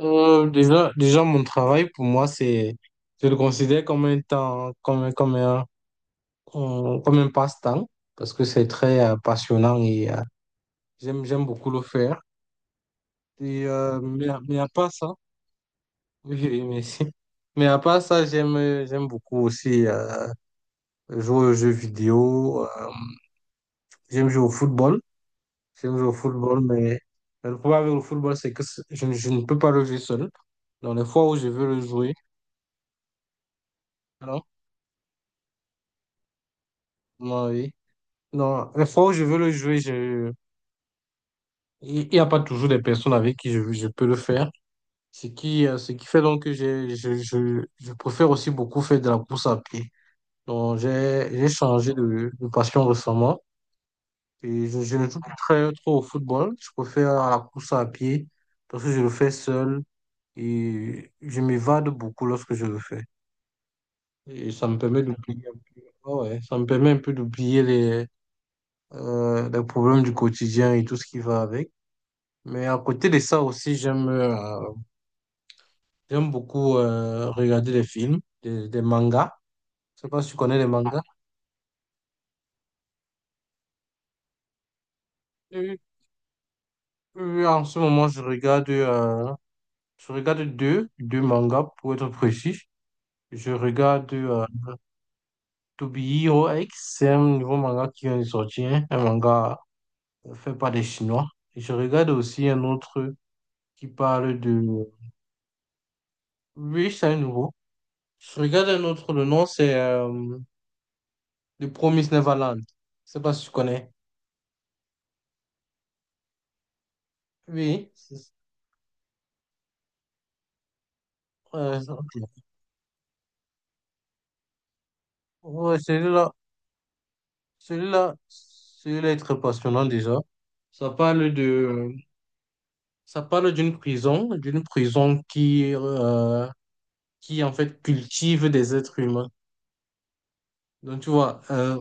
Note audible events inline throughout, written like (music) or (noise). Déjà, mon travail, pour moi, c'est, je le considère comme un temps, comme un passe-temps, parce que c'est très passionnant et j'aime beaucoup le faire. Mais à part ça, (laughs) oui, oui, merci. Mais à part ça, j'aime beaucoup aussi jouer aux jeux vidéo, j'aime jouer au football, j'aime jouer au football, mais le problème avec le football, c'est que je ne peux pas le jouer seul. Dans les fois où je veux le jouer, alors, moi, oui. Non, les fois où je veux le jouer, il n'y a pas toujours des personnes avec qui je peux le faire. Ce qui fait donc que je préfère aussi beaucoup faire de la course à pied. Donc, j'ai changé de passion récemment. Et je ne joue plus très trop au football. Je préfère à la course à pied parce que je le fais seul et je m'évade beaucoup lorsque je le fais. Et ça me permet d'oublier un peu. Ah ouais, ça me permet un peu d'oublier les problèmes du quotidien et tout ce qui va avec. Mais à côté de ça aussi, j'aime beaucoup regarder des films, des mangas. Je sais pas si tu connais les mangas. Et, En ce moment, je regarde deux mangas pour être précis. Je regarde To Be Hero X, c'est un nouveau manga qui vient de sortir, un manga fait par des Chinois. Et je regarde aussi un autre qui parle de oui, c'est un nouveau. Je regarde un autre, le nom c'est The Promised Neverland. Je sais pas si tu connais. Oui, ok. Ouais, celui-là est très passionnant déjà. Ça parle de, Ça parle d'une prison qui en fait cultive des êtres humains. Donc tu vois,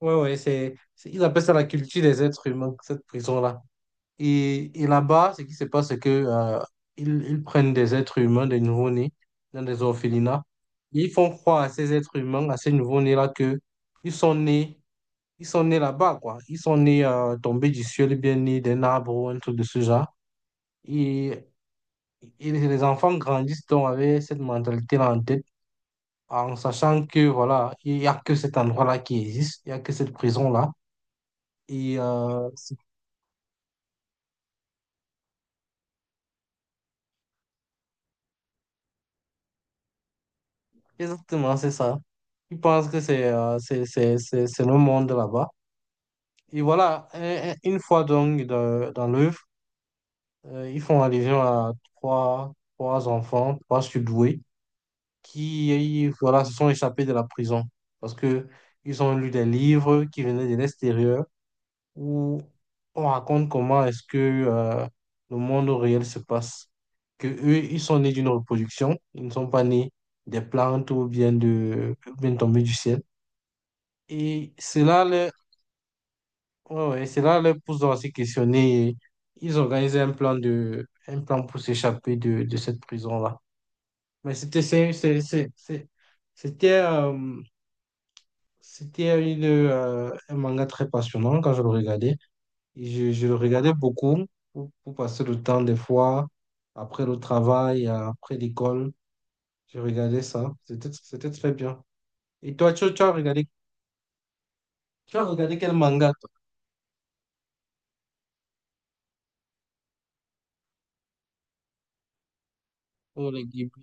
ouais, ouais, ils appellent ça la culture des êtres humains, cette prison-là. Et là-bas, ce qui se passe, c'est que ils prennent des êtres humains, des nouveau-nés, dans des orphelinats. Ils font croire à ces êtres humains, à ces nouveau-nés-là, que ils sont nés ils sont nés là-bas, quoi. Ils sont nés tombés du ciel, ou bien nés d'un arbre ou un truc de ce genre. Et, et les enfants grandissent donc avec cette mentalité-là en tête, en sachant que, voilà, il n'y a que cet endroit-là qui existe, il n'y a que cette prison-là. Et euh, c'est- Exactement, c'est ça. Ils pensent que c'est le monde là-bas. Et voilà, une fois donc dans l'œuvre, ils font allusion à trois enfants, trois surdoués qui voilà, se sont échappés de la prison parce que ils ont lu des livres qui venaient de l'extérieur où on raconte comment est-ce que le monde réel se passe. Que eux, ils sont nés d'une reproduction, ils ne sont pas nés des plantes ou bien tombés du ciel. Et cela leur, ouais, ouais, cela leur pousse donc à se questionner. Ils organisaient un plan pour s'échapper de cette prison-là. Mais c'était c'est- c'était c'était un manga très passionnant quand je le regardais. Et je le regardais beaucoup pour passer le temps des fois, après le travail, après l'école. Je regardais ça. C'était très bien. Et toi, tu as regardé quel manga, toi? Oh, les Ghibli.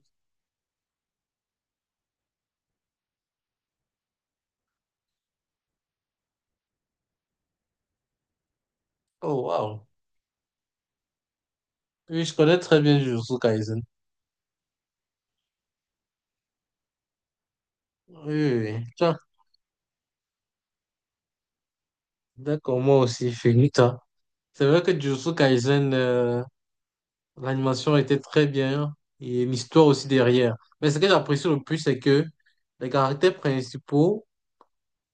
Oh, wow. Oui, je connais très bien Jujutsu Kaisen. Oui, oui, oui. Tiens, d'accord, moi aussi, Finita. C'est vrai que Jujutsu Kaisen, l'animation était très bien et l'histoire aussi derrière. Mais ce que j'apprécie le plus, c'est que les caractères principaux,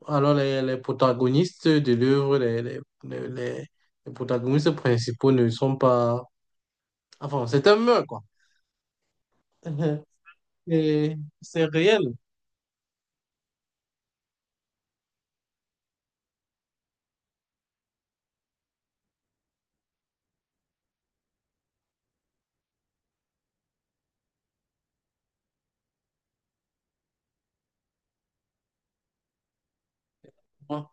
alors les protagonistes de l'œuvre, les protagonistes principaux ne sont pas... Enfin, c'est un meurtre, quoi. (laughs) Et c'est réel. Quoi.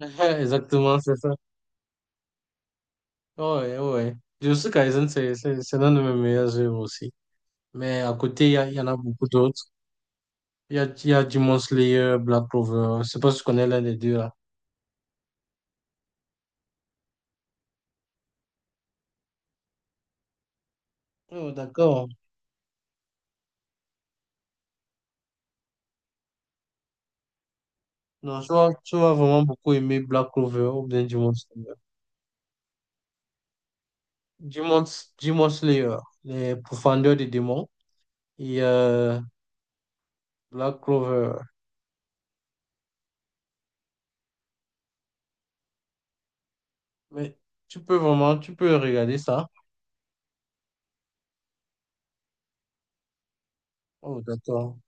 (laughs) Exactement, c'est ça. Ouais, ouais. Jujutsu Kaisen, c'est l'un de mes meilleurs œuvres aussi. Mais à côté, il y en a beaucoup d'autres. Il y a Demon Slayer, Black Clover. Je sais pas si tu connais l'un des deux. Oh, d'accord. Non, tu vas vraiment beaucoup aimer Black Clover ou bien Demon Slayer. Demon, Demon Slayer, les profondeurs des démons et Black Clover. Mais tu peux regarder ça. Oh, d'accord.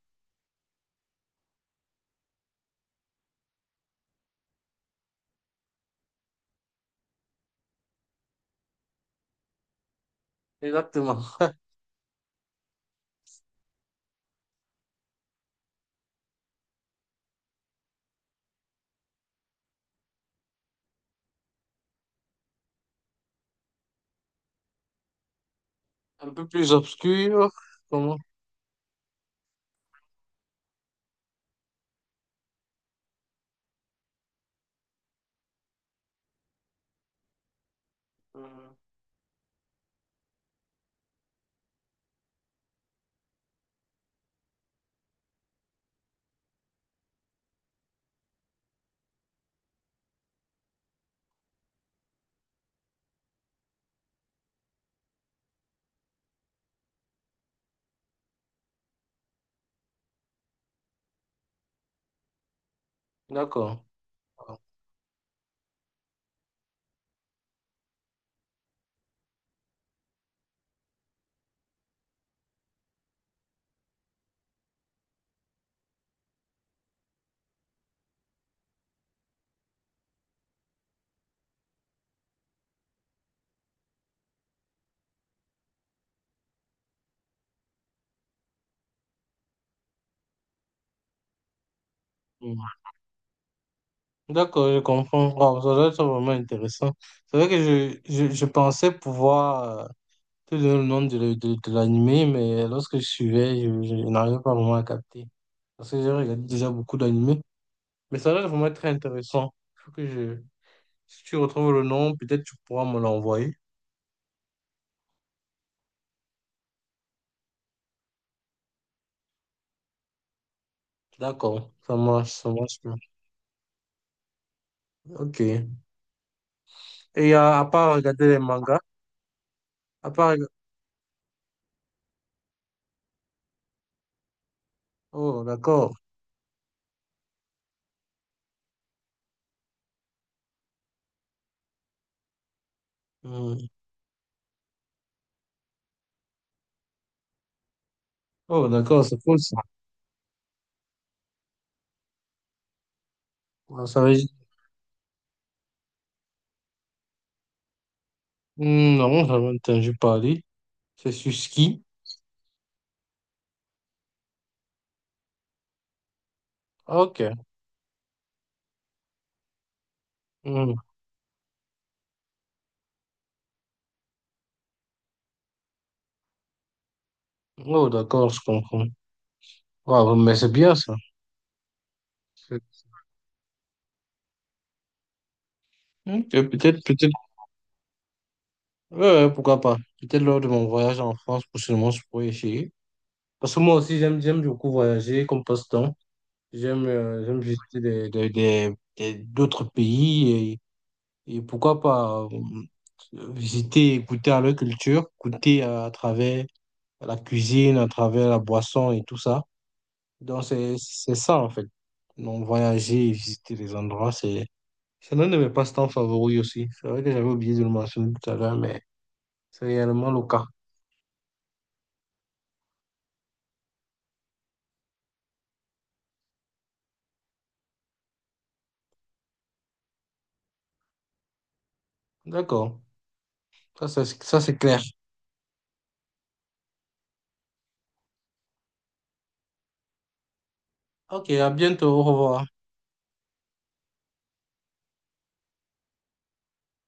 Exactement. (laughs) Un peu plus obscur. Comment? Euh, D'accord. Mm. D'accord, je comprends. Wow, ça doit être vraiment intéressant. C'est vrai que je pensais pouvoir te donner le nom de l'animé, mais lorsque je suivais, je n'arrivais pas vraiment à capter. Parce que j'ai regardé déjà beaucoup d'animés. Mais ça a l'air vraiment très intéressant. Faut que je... Si tu retrouves le nom, peut-être tu pourras me l'envoyer. D'accord, ça marche, ça marche. Ok. Et à part regarder les mangas, à part... reg- Oh, d'accord. Hmm. Oh, d'accord, c'est cool ça. Ah, ça veut... Hmm. Non, j'avais entendu parler. C'est sur ski. Ok. Hmm. Oh, d'accord, je comprends. Ouais, mais c'est bien ça. Ok, peut-être, peut-être, ouais, ouais, pourquoi pas. Peut-être lors de mon voyage en France, prochainement, je pourrais essayer. Parce que moi aussi, j'aime beaucoup voyager comme passe-temps. J'aime visiter d'autres pays et pourquoi pas visiter, goûter à leur culture, goûter à travers la cuisine, à travers la boisson et tout ça. Donc, c'est ça, en fait. Donc, voyager et visiter les endroits, c'est l'un de mes passe-temps favoris aussi. C'est vrai que j'avais oublié de le mentionner tout à l'heure, mais. C'est réellement le cas. D'accord. Ça, c'est clair. Ok, à bientôt. Au revoir.